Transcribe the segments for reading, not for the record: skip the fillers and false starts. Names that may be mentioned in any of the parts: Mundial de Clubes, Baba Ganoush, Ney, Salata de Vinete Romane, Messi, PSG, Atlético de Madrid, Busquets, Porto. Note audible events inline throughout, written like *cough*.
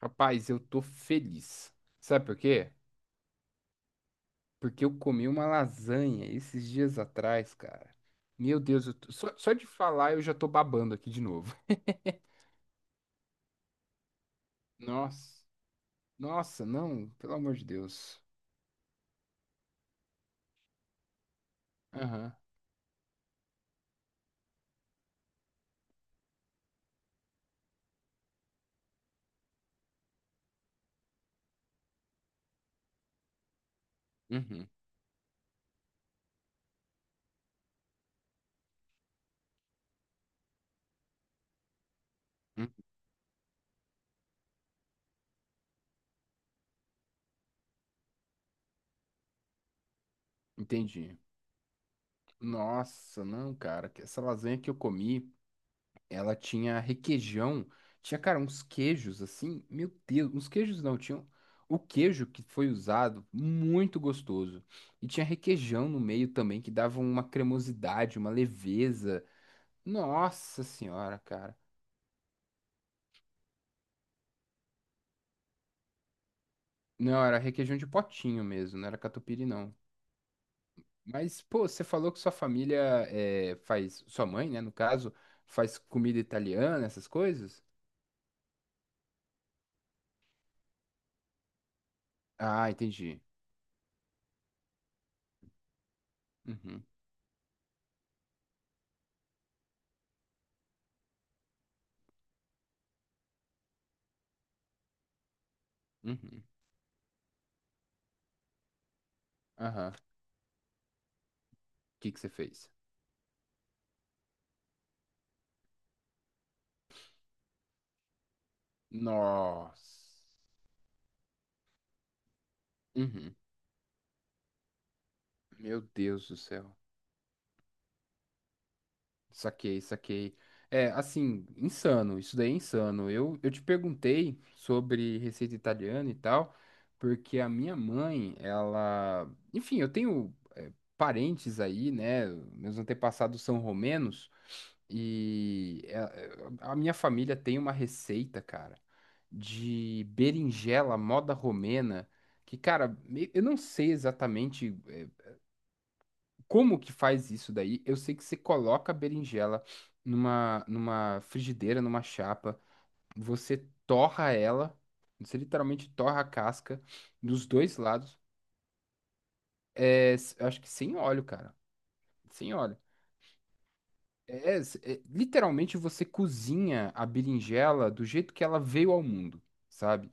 Rapaz, eu tô feliz. Sabe por quê? Porque eu comi uma lasanha esses dias atrás, cara. Meu Deus, só, só de falar eu já tô babando aqui de novo. *laughs* Nossa, nossa, não, pelo amor de Deus. Aham, uhum, uhum, entendi. Nossa, não, cara, que essa lasanha que eu comi. Ela tinha requeijão, tinha, cara, uns queijos assim, meu Deus, uns queijos não, tinham o queijo que foi usado, muito gostoso. E tinha requeijão no meio também, que dava uma cremosidade, uma leveza. Nossa senhora, cara. Não, era requeijão de potinho mesmo, não era catupiry não. Mas, pô, você falou que sua família faz, sua mãe, né, no caso, faz comida italiana, essas coisas? Ah, entendi. Uhum, uhum. Aham. O que que você fez? Nossa. Uhum. Meu Deus do céu. Saquei, saquei. É, assim, insano. Isso daí é insano. Eu te perguntei sobre receita italiana e tal, porque a minha mãe, ela. Enfim, eu tenho parentes aí, né? Meus antepassados são romenos e a minha família tem uma receita, cara, de berinjela moda romena. Que, cara, eu não sei exatamente. Como que faz isso daí? Eu sei que você coloca a berinjela numa, numa frigideira, numa chapa, você torra ela, você literalmente torra a casca dos dois lados, acho que sem óleo, cara, sem óleo. É, literalmente você cozinha a berinjela do jeito que ela veio ao mundo, sabe?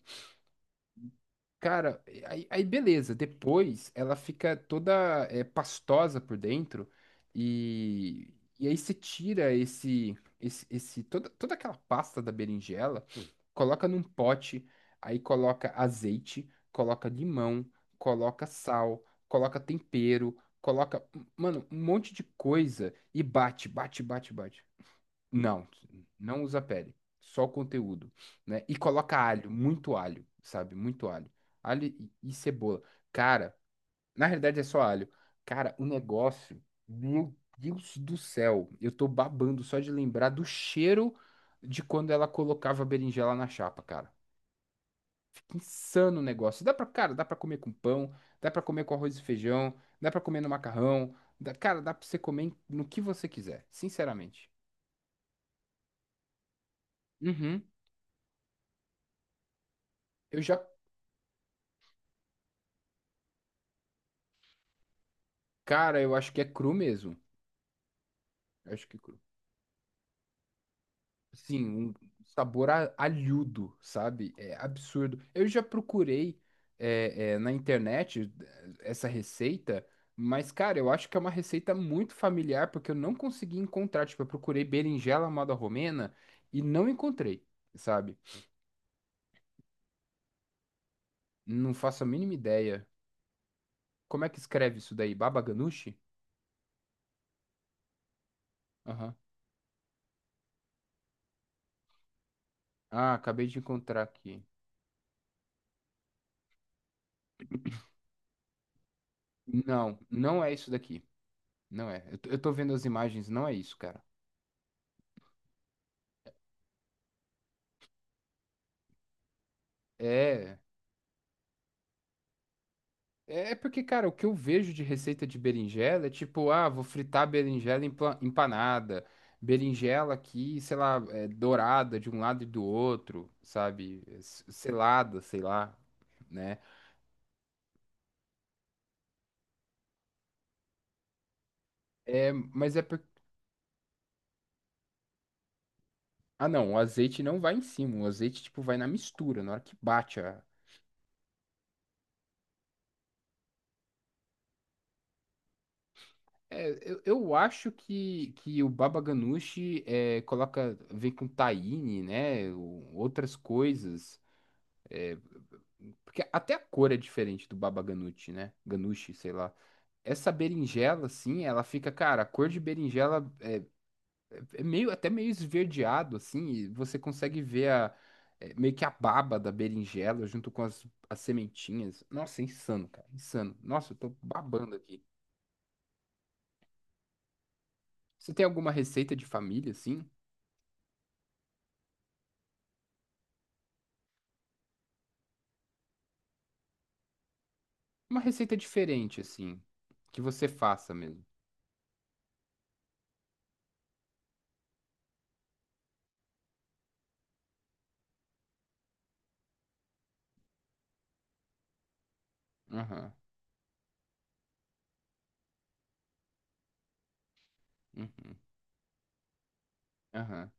Cara, aí, aí beleza. Depois ela fica toda pastosa por dentro e, e aí você tira esse toda aquela pasta da berinjela, coloca num pote, aí coloca azeite, coloca limão, coloca sal, coloca tempero, coloca, mano, um monte de coisa e bate, bate, bate, bate. Não, não usa pele, só o conteúdo, né? E coloca alho, muito alho, sabe? Muito alho. Alho e cebola. Cara, na realidade é só alho. Cara, o negócio, meu Deus do céu, eu tô babando só de lembrar do cheiro de quando ela colocava a berinjela na chapa, cara. Fica insano o negócio. Dá pra, cara, dá pra comer com pão, dá pra comer com arroz e feijão, dá pra comer no macarrão, cara, dá pra você comer no que você quiser, sinceramente. Uhum. Eu já Cara, eu acho que é cru mesmo. Eu acho que é cru. Sim, um sabor alhudo, sabe? É absurdo. Eu já procurei na internet essa receita, mas, cara, eu acho que é uma receita muito familiar, porque eu não consegui encontrar. Tipo, eu procurei berinjela à moda romena e não encontrei, sabe? Não faço a mínima ideia. Como é que escreve isso daí? Baba ganoush? Aham. Ah, acabei de encontrar aqui. Não, não é isso daqui. Não é. Eu tô vendo as imagens, não é isso, cara. É. É porque, cara, o que eu vejo de receita de berinjela é tipo, ah, vou fritar berinjela empanada, berinjela aqui, sei lá, é, dourada de um lado e do outro, sabe? Selada, sei lá, né? É, mas é porque. Ah, não, o azeite não vai em cima, o azeite, tipo, vai na mistura, na hora que bate a, É, eu acho que o baba ganoush é, coloca, vem com tahine, né? Outras coisas. É, porque até a cor é diferente do baba ganoush, né? Ganoush, sei lá. Essa berinjela, assim, ela fica, cara, a cor de berinjela é meio, até meio esverdeado, assim, e você consegue ver a, é, meio que a baba da berinjela junto com as, as sementinhas. Nossa, é insano, cara, insano. Nossa, eu tô babando aqui. Você tem alguma receita de família, assim? Uma receita diferente, assim. Que você faça mesmo. Aham. Uhum. Aham.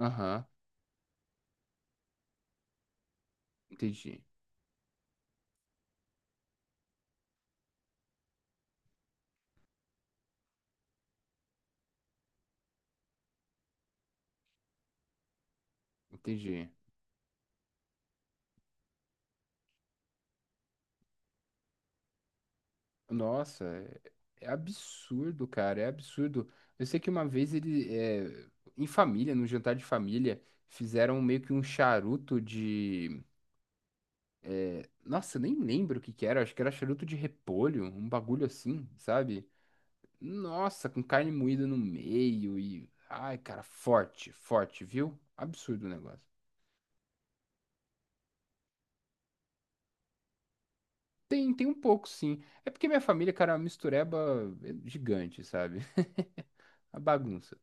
Aham. Entendi. Entendi. Nossa, é absurdo, cara. É absurdo. Eu sei que uma vez ele, é, em família, num jantar de família, fizeram meio que um charuto de. É, nossa, eu nem lembro o que que era. Acho que era charuto de repolho, um bagulho assim, sabe? Nossa, com carne moída no meio e. Ai, cara, forte, forte, viu? Absurdo o negócio. Tem, tem um pouco, sim. É porque minha família, cara, é uma mistureba gigante, sabe? *laughs* A bagunça.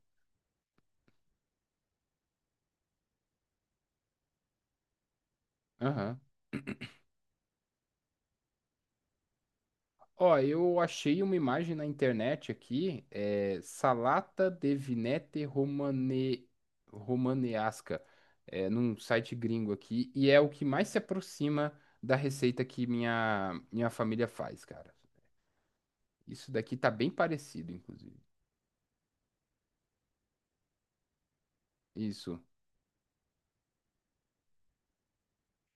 Aham. Ó, eu achei uma imagem na internet aqui, é Salata de Vinete Romane... Romanesca, é, num site gringo aqui, e é o que mais se aproxima da receita que minha família faz, cara. Isso daqui tá bem parecido, inclusive. Isso.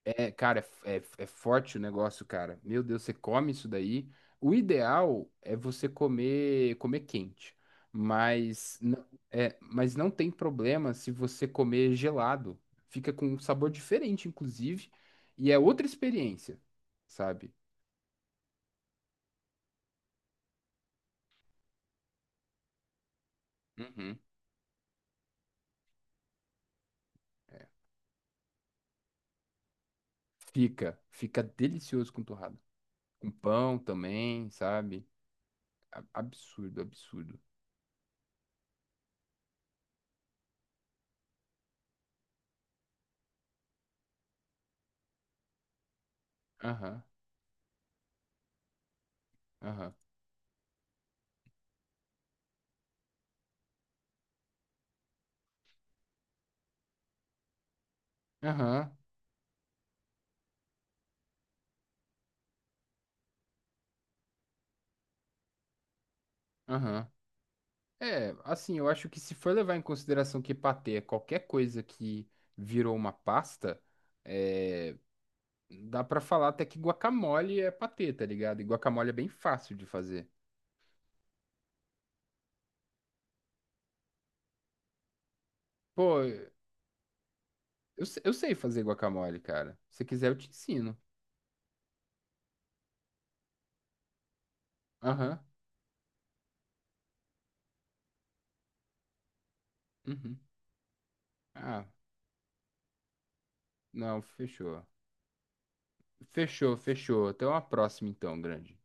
É, cara, é forte o negócio, cara. Meu Deus, você come isso daí. O ideal é você comer quente, mas n- é, mas não tem problema se você comer gelado. Fica com um sabor diferente, inclusive, e é outra experiência, sabe? Uhum. Fica, fica delicioso com torrada. Com pão também, sabe? Absurdo, absurdo. Aham, aham, aham, aham. É, assim, eu acho que se for levar em consideração que patê é qualquer coisa que virou uma pasta, é, dá pra falar até que guacamole é patê, tá ligado? E guacamole é bem fácil de fazer. Pô, eu, eu sei fazer guacamole, cara. Se quiser, eu te ensino. Aham. Uhum. Ah, não, fechou. Fechou, fechou. Até uma próxima, então, grande.